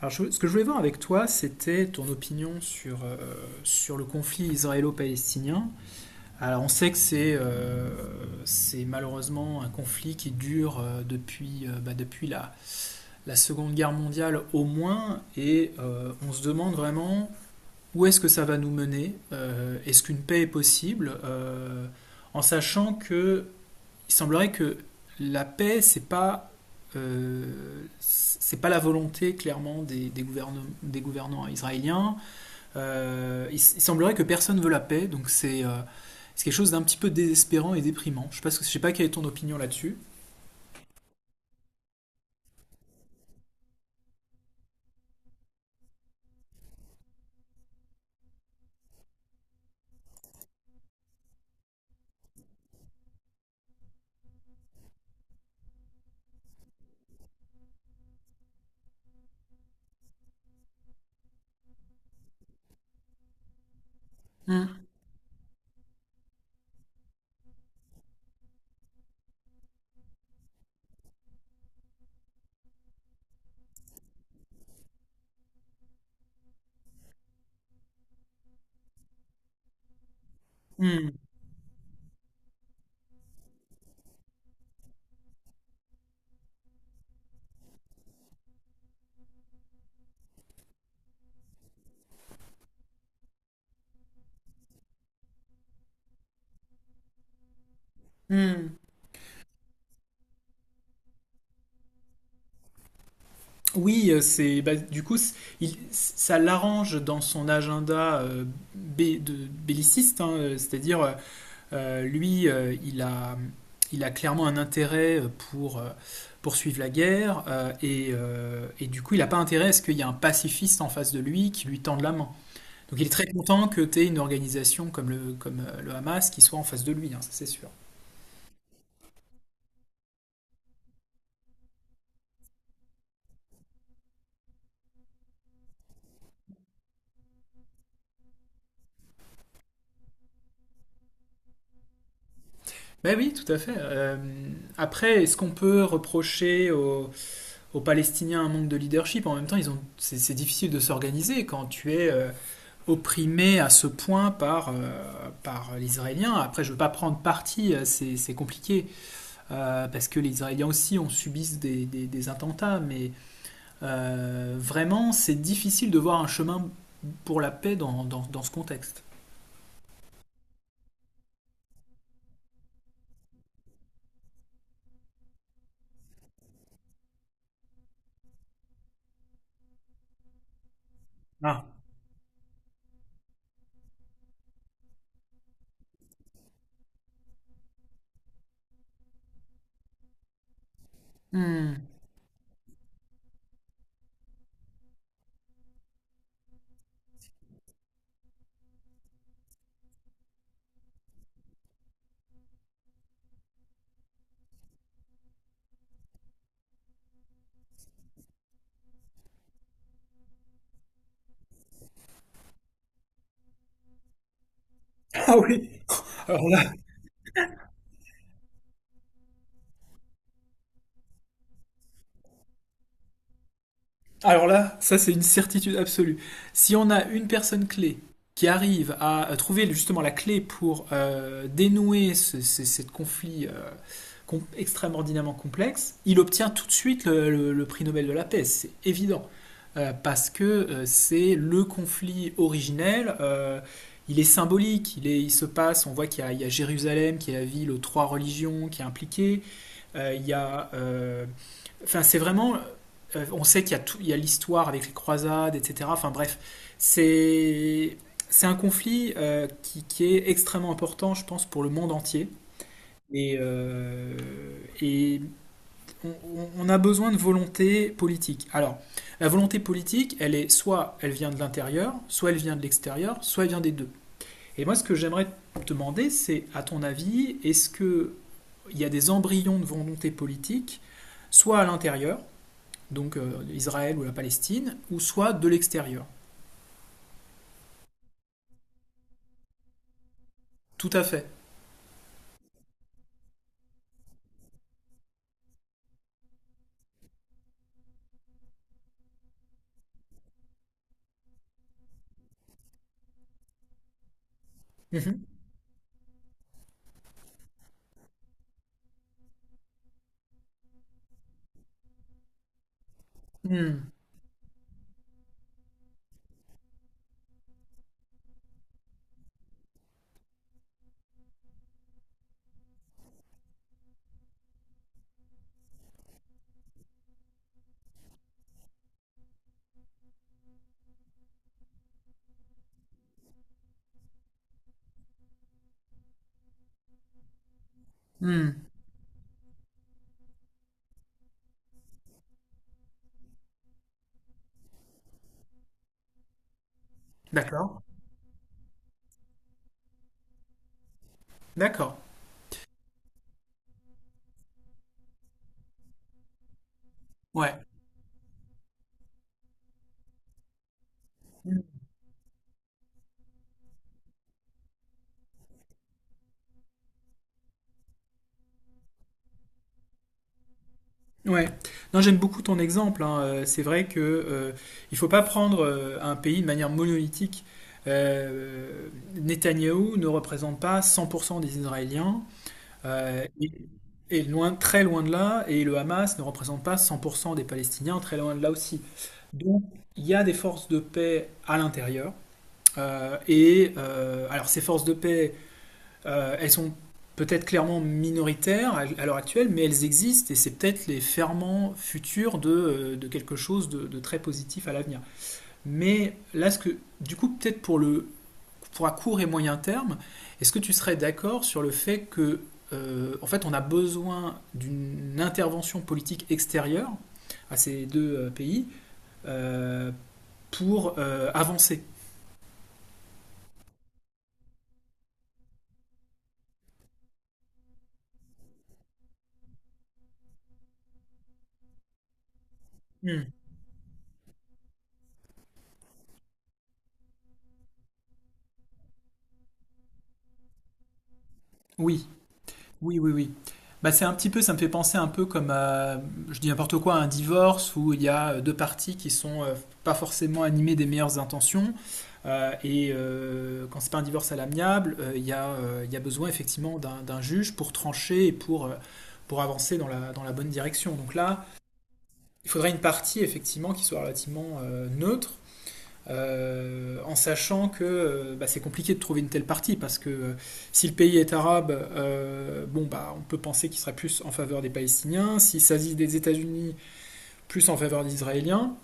Ce que je voulais voir avec toi, c'était ton opinion sur, sur le conflit israélo-palestinien. Alors, on sait que c'est malheureusement un conflit qui dure depuis la Seconde Guerre mondiale au moins, et on se demande vraiment où est-ce que ça va nous mener. Est-ce qu'une paix est possible, en sachant que il semblerait que la paix, c'est pas la volonté clairement des gouvernants israéliens. Il semblerait que personne veut la paix, donc c'est quelque chose d'un petit peu désespérant et déprimant. Je sais pas, je sais pas quelle est ton opinion là-dessus. Mm. Mm. Mm. Oui, c'est ça l'arrange dans son agenda belliciste, hein, c'est-à-dire Euh, lui, euh, il a, il a clairement un intérêt pour poursuivre la guerre, et du coup, il n'a pas intérêt à ce qu'il y ait un pacifiste en face de lui qui lui tende la main. Donc il est très content que tu aies une organisation comme comme le Hamas qui soit en face de lui, hein, ça c'est sûr. Ben oui, tout à fait. Après, est-ce qu'on peut reprocher aux Palestiniens un manque de leadership. En même temps, c'est difficile de s'organiser quand tu es opprimé à ce point par les Israéliens. Après, je ne veux pas prendre parti, c'est compliqué, parce que les Israéliens aussi ont subi des attentats, mais vraiment, c'est difficile de voir un chemin pour la paix dans ce contexte. Ah. Hmm. Ah oui. Alors là, alors là, ça c'est une certitude absolue. Si on a une personne clé qui arrive à trouver justement la clé pour dénouer cette conflit extraordinairement complexe, il obtient tout de suite le prix Nobel de la paix, c'est évident. Parce que c'est le conflit originel, il est symbolique, il se passe, on voit qu'il y a, il y a Jérusalem qui est la ville aux trois religions qui est impliquée, il y a... enfin, c'est vraiment... on sait qu'il y a, tout, il y a l'histoire avec les croisades, etc. Enfin bref, c'est... C'est un conflit qui est extrêmement important, je pense, pour le monde entier. Et, euh, on a besoin de volonté politique. Alors, la volonté politique, elle est soit elle vient de l'intérieur, soit elle vient de l'extérieur, soit elle vient des deux. Et moi, ce que j'aimerais te demander, c'est, à ton avis, est-ce que il y a des embryons de volonté politique, soit à l'intérieur, donc Israël ou la Palestine, ou soit de l'extérieur? Tout à fait. Mhm. Hmm. Hmm. D'accord. D'accord. Ouais. Ouais, non, j'aime beaucoup ton exemple, hein. C'est vrai que il faut pas prendre un pays de manière monolithique. Euh, Netanyahou ne représente pas 100% des Israéliens, euh, et, et loin, très loin de là, et le Hamas ne représente pas 100% des Palestiniens, très loin de là aussi. Donc, il y a des forces de paix à l'intérieur, alors ces forces de paix elles sont peut-être clairement minoritaires à l'heure actuelle, mais elles existent et c'est peut-être les ferments futurs de quelque chose de très positif à l'avenir. Mais là, ce que, du coup, peut-être pour, le, pour à court et moyen terme, est-ce que tu serais d'accord sur le fait que, en fait, on a besoin d'une intervention politique extérieure à ces deux pays, euh, pour avancer. Hmm. Oui. Oui, oui, oui. Bah, c'est un petit peu, ça me fait penser un peu comme à, je dis n'importe quoi, à un divorce où il y a deux parties qui sont pas forcément animées des meilleures intentions. Quand c'est pas un divorce à l'amiable, il y a besoin effectivement d'un juge pour trancher et pour avancer dans dans la bonne direction. Donc là, il faudrait une partie effectivement qui soit relativement neutre, en sachant que c'est compliqué de trouver une telle partie parce que si le pays est arabe, bon bah on peut penser qu'il sera plus en faveur des Palestiniens, s'il s'agit des États-Unis, plus en faveur des Israéliens.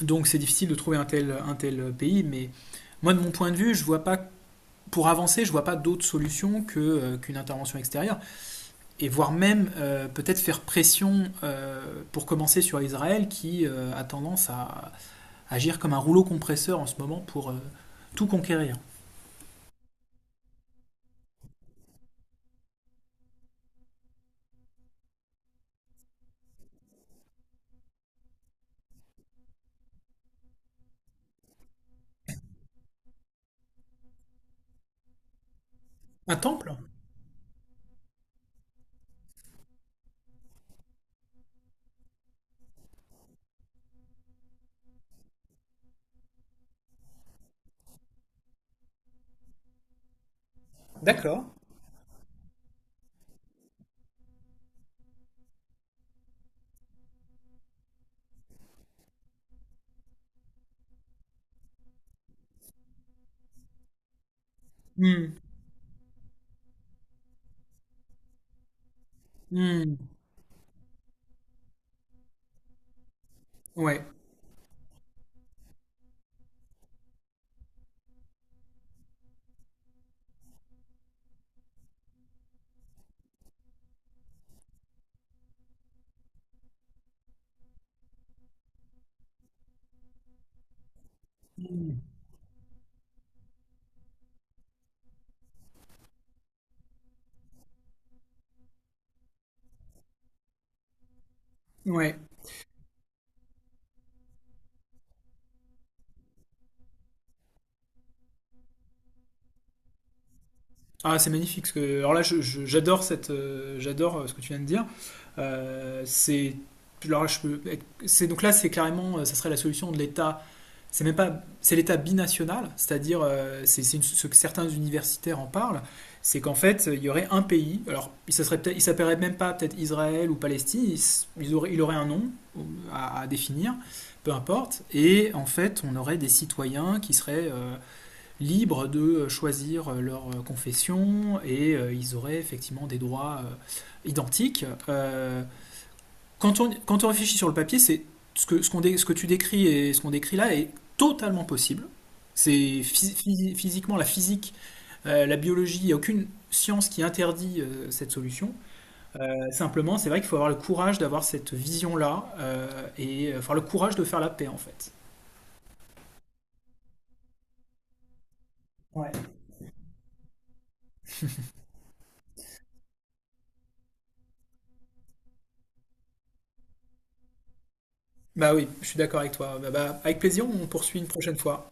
Donc c'est difficile de trouver un tel pays, mais moi de mon point de vue, je vois pas pour avancer, je vois pas d'autre solution que qu'une intervention extérieure et voire même peut-être faire pression pour commencer sur Israël qui a tendance à agir comme un rouleau compresseur en ce moment pour tout conquérir. Un temple? D'accord. Hmm, hmm, ouais, ouais. Ah, c'est magnifique, ce que... Alors là, j'adore cette, j'adore ce que tu viens de dire. C'est, alors là, je peux être- c'est donc là, c'est carrément, ça serait la solution de l'État. C'est même pas, c'est l'État binational, c'est-à-dire, ce que certains universitaires en parlent, c'est qu'en fait, il y aurait un pays. Alors, il s'appellerait même pas peut-être Israël ou Palestine. Il, s- ils auraient- il aurait un nom euh, à définir, peu importe. Et en fait, on aurait des citoyens qui seraient libres de choisir leur confession et ils auraient effectivement des droits identiques. Quand quand on réfléchit sur le papier, c'est ce que tu décris et ce qu'on décrit là est totalement possible. C'est physiquement la physique, la biologie, il n'y a aucune science qui interdit cette solution. Simplement, c'est vrai qu'il faut avoir le courage d'avoir cette vision-là avoir le courage de faire la paix en fait. Ouais. Bah oui, je suis d'accord avec toi. Bah, bah, avec plaisir, on poursuit une prochaine fois.